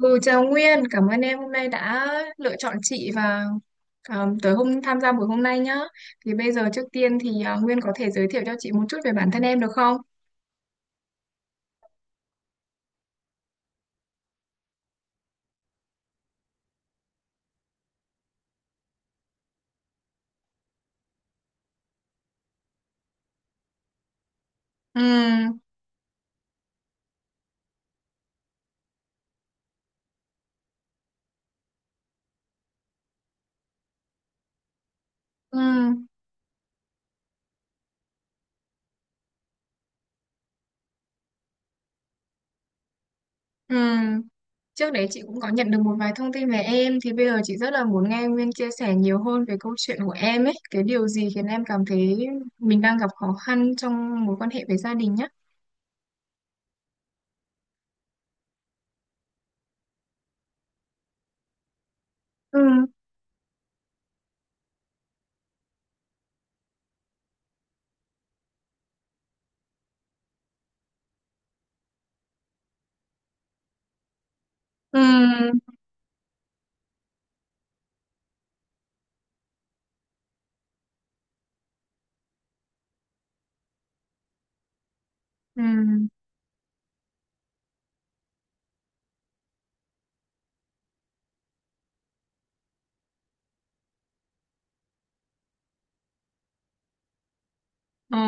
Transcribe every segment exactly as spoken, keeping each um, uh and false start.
Ừ, chào Nguyên, cảm ơn em hôm nay đã lựa chọn chị và um, tới hôm tham gia buổi hôm nay nhá. Thì bây giờ trước tiên thì à, Nguyên có thể giới thiệu cho chị một chút về bản thân em được không? Ừ, ừ, ừ. Trước đấy chị cũng có nhận được một vài thông tin về em thì bây giờ chị rất là muốn nghe Nguyên chia sẻ nhiều hơn về câu chuyện của em ấy, cái điều gì khiến em cảm thấy mình đang gặp khó khăn trong mối quan hệ với gia đình nhá. Ừ, ừ, ừ, ờ,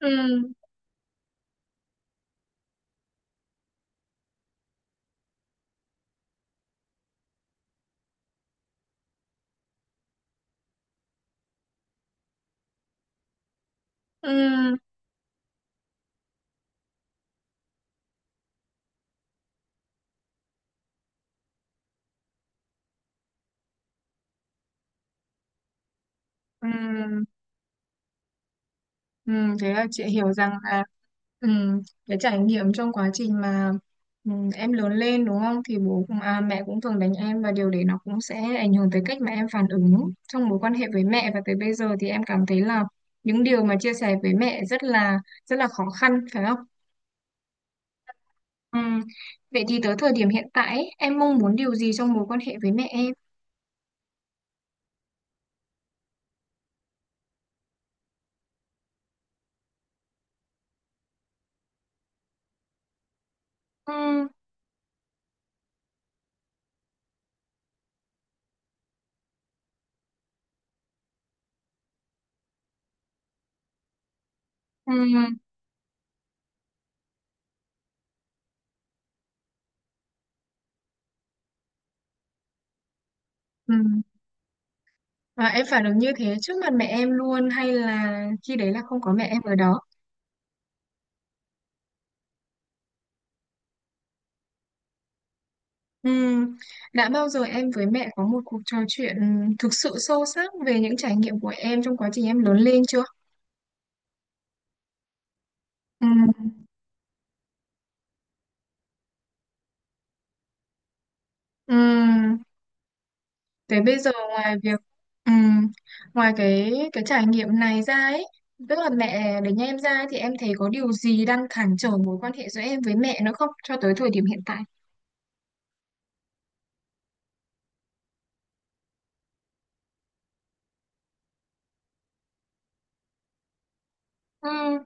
ừ, ừ, ừ. Ừ, thế là chị hiểu rằng là ừm, cái trải nghiệm trong quá trình mà ừm, em lớn lên đúng không thì bố cũng à, mẹ cũng thường đánh em và điều đấy nó cũng sẽ ảnh hưởng tới cách mà em phản ứng trong mối quan hệ với mẹ và tới bây giờ thì em cảm thấy là những điều mà chia sẻ với mẹ rất là rất là khó khăn phải không? Ừm, Vậy thì tới thời điểm hiện tại ấy, em mong muốn điều gì trong mối quan hệ với mẹ em? Ừ, ừ, ừ. Và em phản ứng như thế trước mặt mẹ em luôn hay là khi đấy là không có mẹ em ở đó? Ừm, đã bao giờ em với mẹ có một cuộc trò chuyện thực sự sâu sắc về những trải nghiệm của em trong quá trình em lớn lên chưa? Ừm, ừm, Thế bây giờ ngoài việc ừm, ngoài cái cái trải nghiệm này ra ấy, tức là mẹ để nhà em ra thì em thấy có điều gì đang cản trở mối quan hệ giữa em với mẹ nữa không cho tới thời điểm hiện tại? Ừm,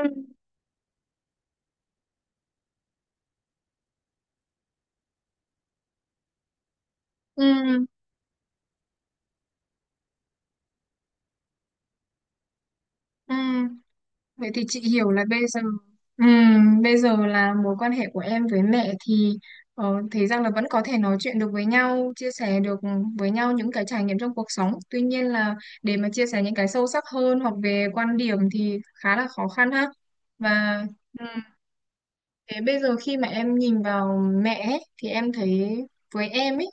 ừm, ừm, ừm. Vậy thì chị hiểu là bây giờ ừ, bây giờ là mối quan hệ của em với mẹ thì ờ, thấy rằng là vẫn có thể nói chuyện được với nhau, chia sẻ được với nhau những cái trải nghiệm trong cuộc sống. Tuy nhiên là để mà chia sẻ những cái sâu sắc hơn hoặc về quan điểm thì khá là khó khăn ha. Và ừ, thế bây giờ khi mà em nhìn vào mẹ ấy, thì em thấy với em ấy,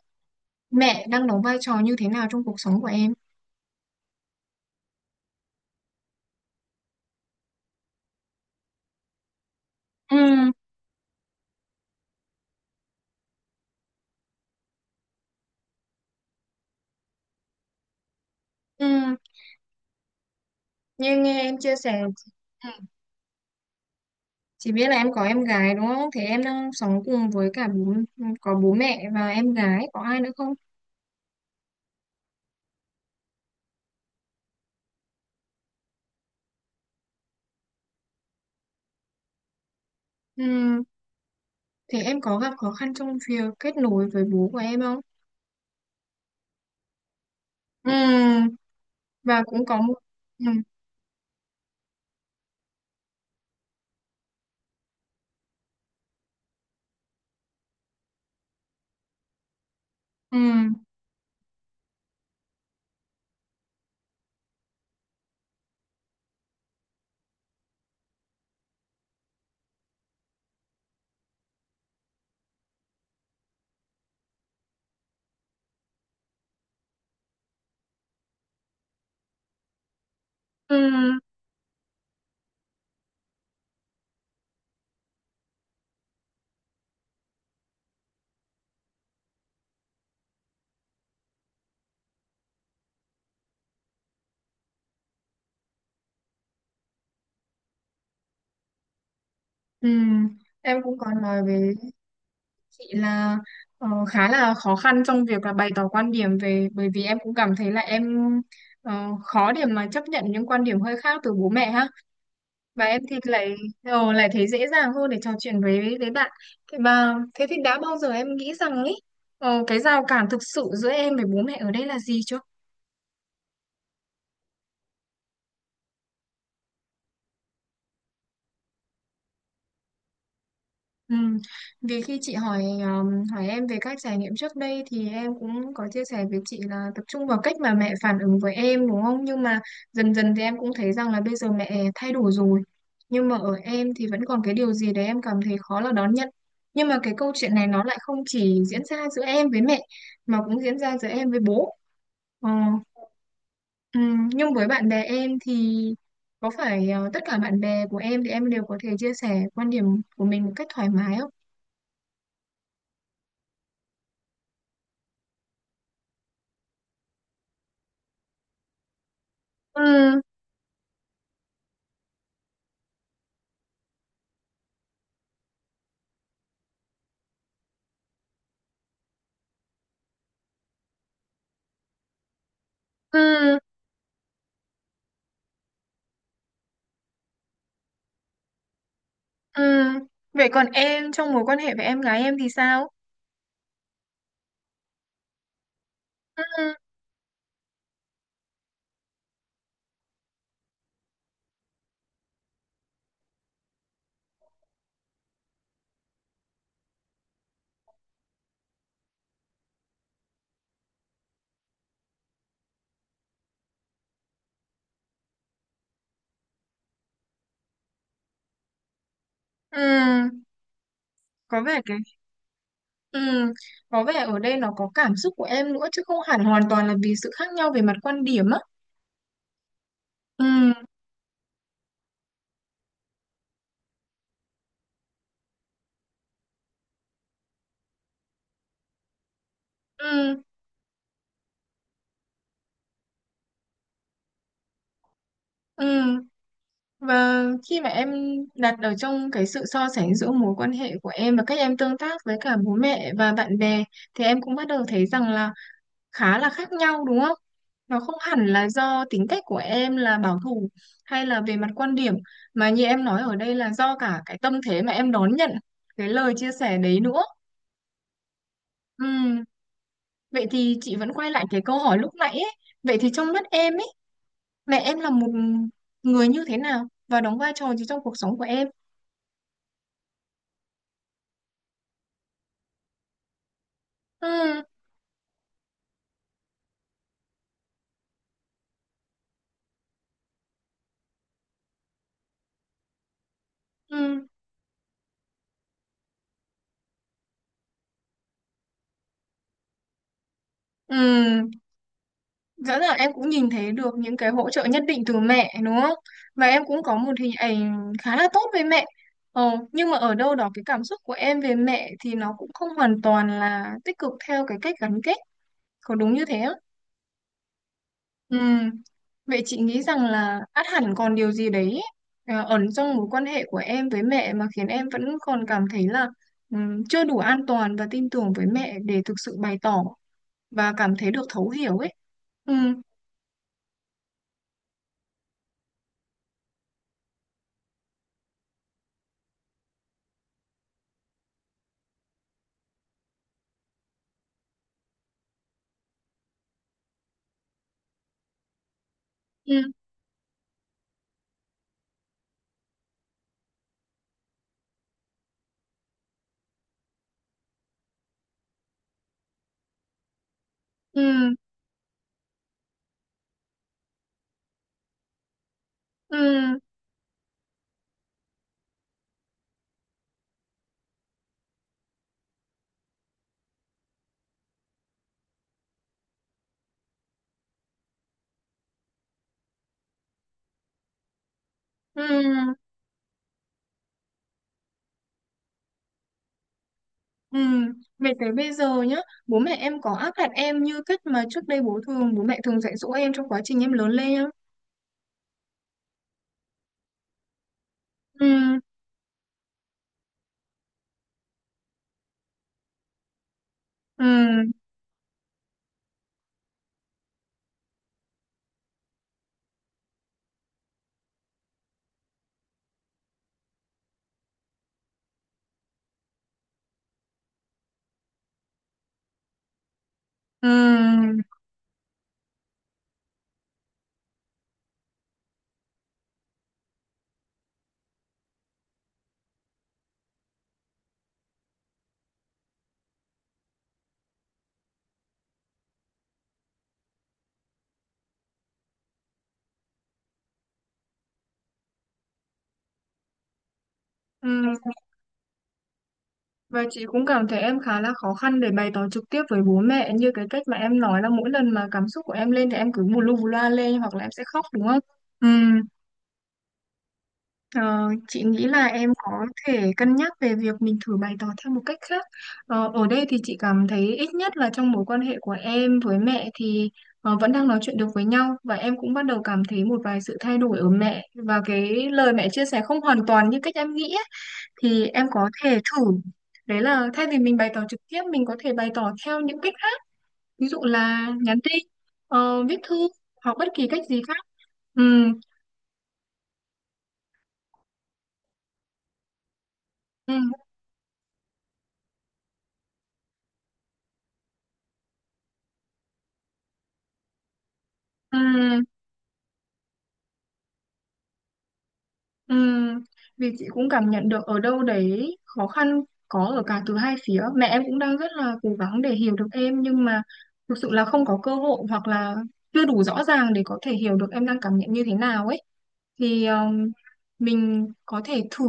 mẹ đang đóng vai trò như thế nào trong cuộc sống của em? Ừ, ừ, như nghe em chia sẻ ừ. Chị biết là em có em gái đúng không? Thế em đang sống cùng với cả bố, có bố mẹ và em gái, có ai nữa không? Ừm, Thế em có gặp khó khăn trong việc kết nối với bố của em không? Ừm, Và cũng có một... ừm, ừm, ừm, ừm. Em cũng có nói với chị là ờ, khá là khó khăn trong việc là bày tỏ quan điểm về... Bởi vì em cũng cảm thấy là em ờ, khó để mà chấp nhận những quan điểm hơi khác từ bố mẹ ha. Và em thì lại ờ, lại thấy dễ dàng hơn để trò chuyện với với bạn. Thế mà thế thì đã bao giờ em nghĩ rằng ấy ờ, cái rào cản thực sự giữa em với bố mẹ ở đây là gì chưa? Ừ. Vì khi chị hỏi um, hỏi em về các trải nghiệm trước đây thì em cũng có chia sẻ với chị là tập trung vào cách mà mẹ phản ứng với em đúng không? Nhưng mà dần dần thì em cũng thấy rằng là bây giờ mẹ thay đổi rồi. Nhưng mà ở em thì vẫn còn cái điều gì đấy em cảm thấy khó là đón nhận. Nhưng mà cái câu chuyện này nó lại không chỉ diễn ra giữa em với mẹ mà cũng diễn ra giữa em với bố. Ờ. Ừ, nhưng với bạn bè em thì có phải ờ, tất cả bạn bè của em thì em đều có thể chia sẻ quan điểm của mình một cách thoải mái không? Ừ, ừ, ừ. Vậy còn em trong mối quan hệ với em gái em thì sao? Ừ, ừ, có vẻ cái ừ, có vẻ ở đây nó có cảm xúc của em nữa chứ không hẳn hoàn toàn là vì sự khác nhau về mặt quan điểm á. Ừ, ừ, ừ. Và khi mà em đặt ở trong cái sự so sánh giữa mối quan hệ của em và cách em tương tác với cả bố mẹ và bạn bè thì em cũng bắt đầu thấy rằng là khá là khác nhau đúng không? Nó không hẳn là do tính cách của em là bảo thủ hay là về mặt quan điểm mà như em nói ở đây là do cả cái tâm thế mà em đón nhận cái lời chia sẻ đấy nữa. Ừm, Vậy thì chị vẫn quay lại cái câu hỏi lúc nãy ấy. Vậy thì trong mắt em ấy, mẹ em là một người như thế nào và đóng vai trò gì trong cuộc sống của em? Ừm, ừm, ừm. Rõ ràng em cũng nhìn thấy được những cái hỗ trợ nhất định từ mẹ đúng không? Và em cũng có một hình ảnh khá là tốt với mẹ. Ờ, nhưng mà ở đâu đó cái cảm xúc của em về mẹ thì nó cũng không hoàn toàn là tích cực theo cái cách gắn kết. Có đúng như thế không? Ừ. Vậy chị nghĩ rằng là ắt hẳn còn điều gì đấy ờ, ẩn trong mối quan hệ của em với mẹ mà khiến em vẫn còn cảm thấy là ừm, chưa đủ an toàn và tin tưởng với mẹ để thực sự bày tỏ và cảm thấy được thấu hiểu ấy. Ừ. Ừ. Ừ. Ừ, ừ, ừ. Về tới bây giờ nhá, bố mẹ em có áp đặt em như cách mà trước đây bố thường, bố mẹ thường dạy dỗ em trong quá trình em lớn lên nhá. Ừ, ừ, ừ, ừ. Và chị cũng cảm thấy em khá là khó khăn để bày tỏ trực tiếp với bố mẹ như cái cách mà em nói là mỗi lần mà cảm xúc của em lên thì em cứ bù lu bù loa lên hoặc là em sẽ khóc đúng không? Ừ. Ờ, chị nghĩ là em có thể cân nhắc về việc mình thử bày tỏ theo một cách khác. Ờ, ở đây thì chị cảm thấy ít nhất là trong mối quan hệ của em với mẹ thì ờ, vẫn đang nói chuyện được với nhau và em cũng bắt đầu cảm thấy một vài sự thay đổi ở mẹ và cái lời mẹ chia sẻ không hoàn toàn như cách em nghĩ ấy, thì em có thể thử. Đấy là thay vì mình bày tỏ trực tiếp mình có thể bày tỏ theo những cách khác. Ví dụ là nhắn tin, ờ, viết thư hoặc bất kỳ cách gì khác. Ừ. Ừ. Ừ. Ừm, vì chị cũng cảm nhận được ở đâu đấy khó khăn có ở cả từ hai phía. Mẹ em cũng đang rất là cố gắng để hiểu được em nhưng mà thực sự là không có cơ hội hoặc là chưa đủ rõ ràng để có thể hiểu được em đang cảm nhận như thế nào ấy. Thì ừm, mình có thể thử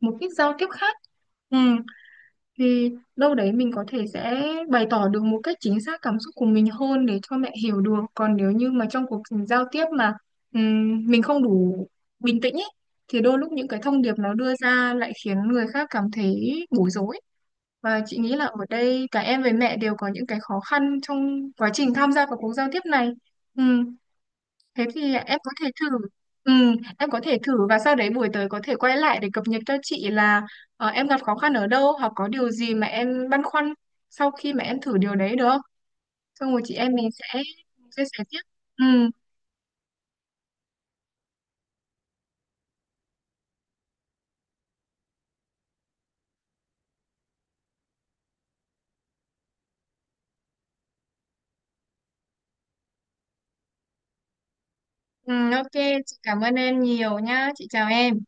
một ít giao tiếp khác thì đâu đấy mình có thể sẽ bày tỏ được một cách chính xác cảm xúc của mình hơn để cho mẹ hiểu được, còn nếu như mà trong cuộc giao tiếp mà ừm, mình không đủ bình tĩnh ấy, thì đôi lúc những cái thông điệp nó đưa ra lại khiến người khác cảm thấy bối rối và chị nghĩ là ở đây cả em với mẹ đều có những cái khó khăn trong quá trình tham gia vào cuộc giao tiếp này. Thế thì em có thể thử ừ, em có thể thử và sau đấy buổi tới có thể quay lại để cập nhật cho chị là ờ, em gặp khó khăn ở đâu hoặc có điều gì mà em băn khoăn sau khi mà em thử điều đấy được không? Xong rồi chị em mình sẽ chia sẻ tiếp. Ừ, ừ, ok, chị cảm ơn em nhiều nhá. Chị chào em.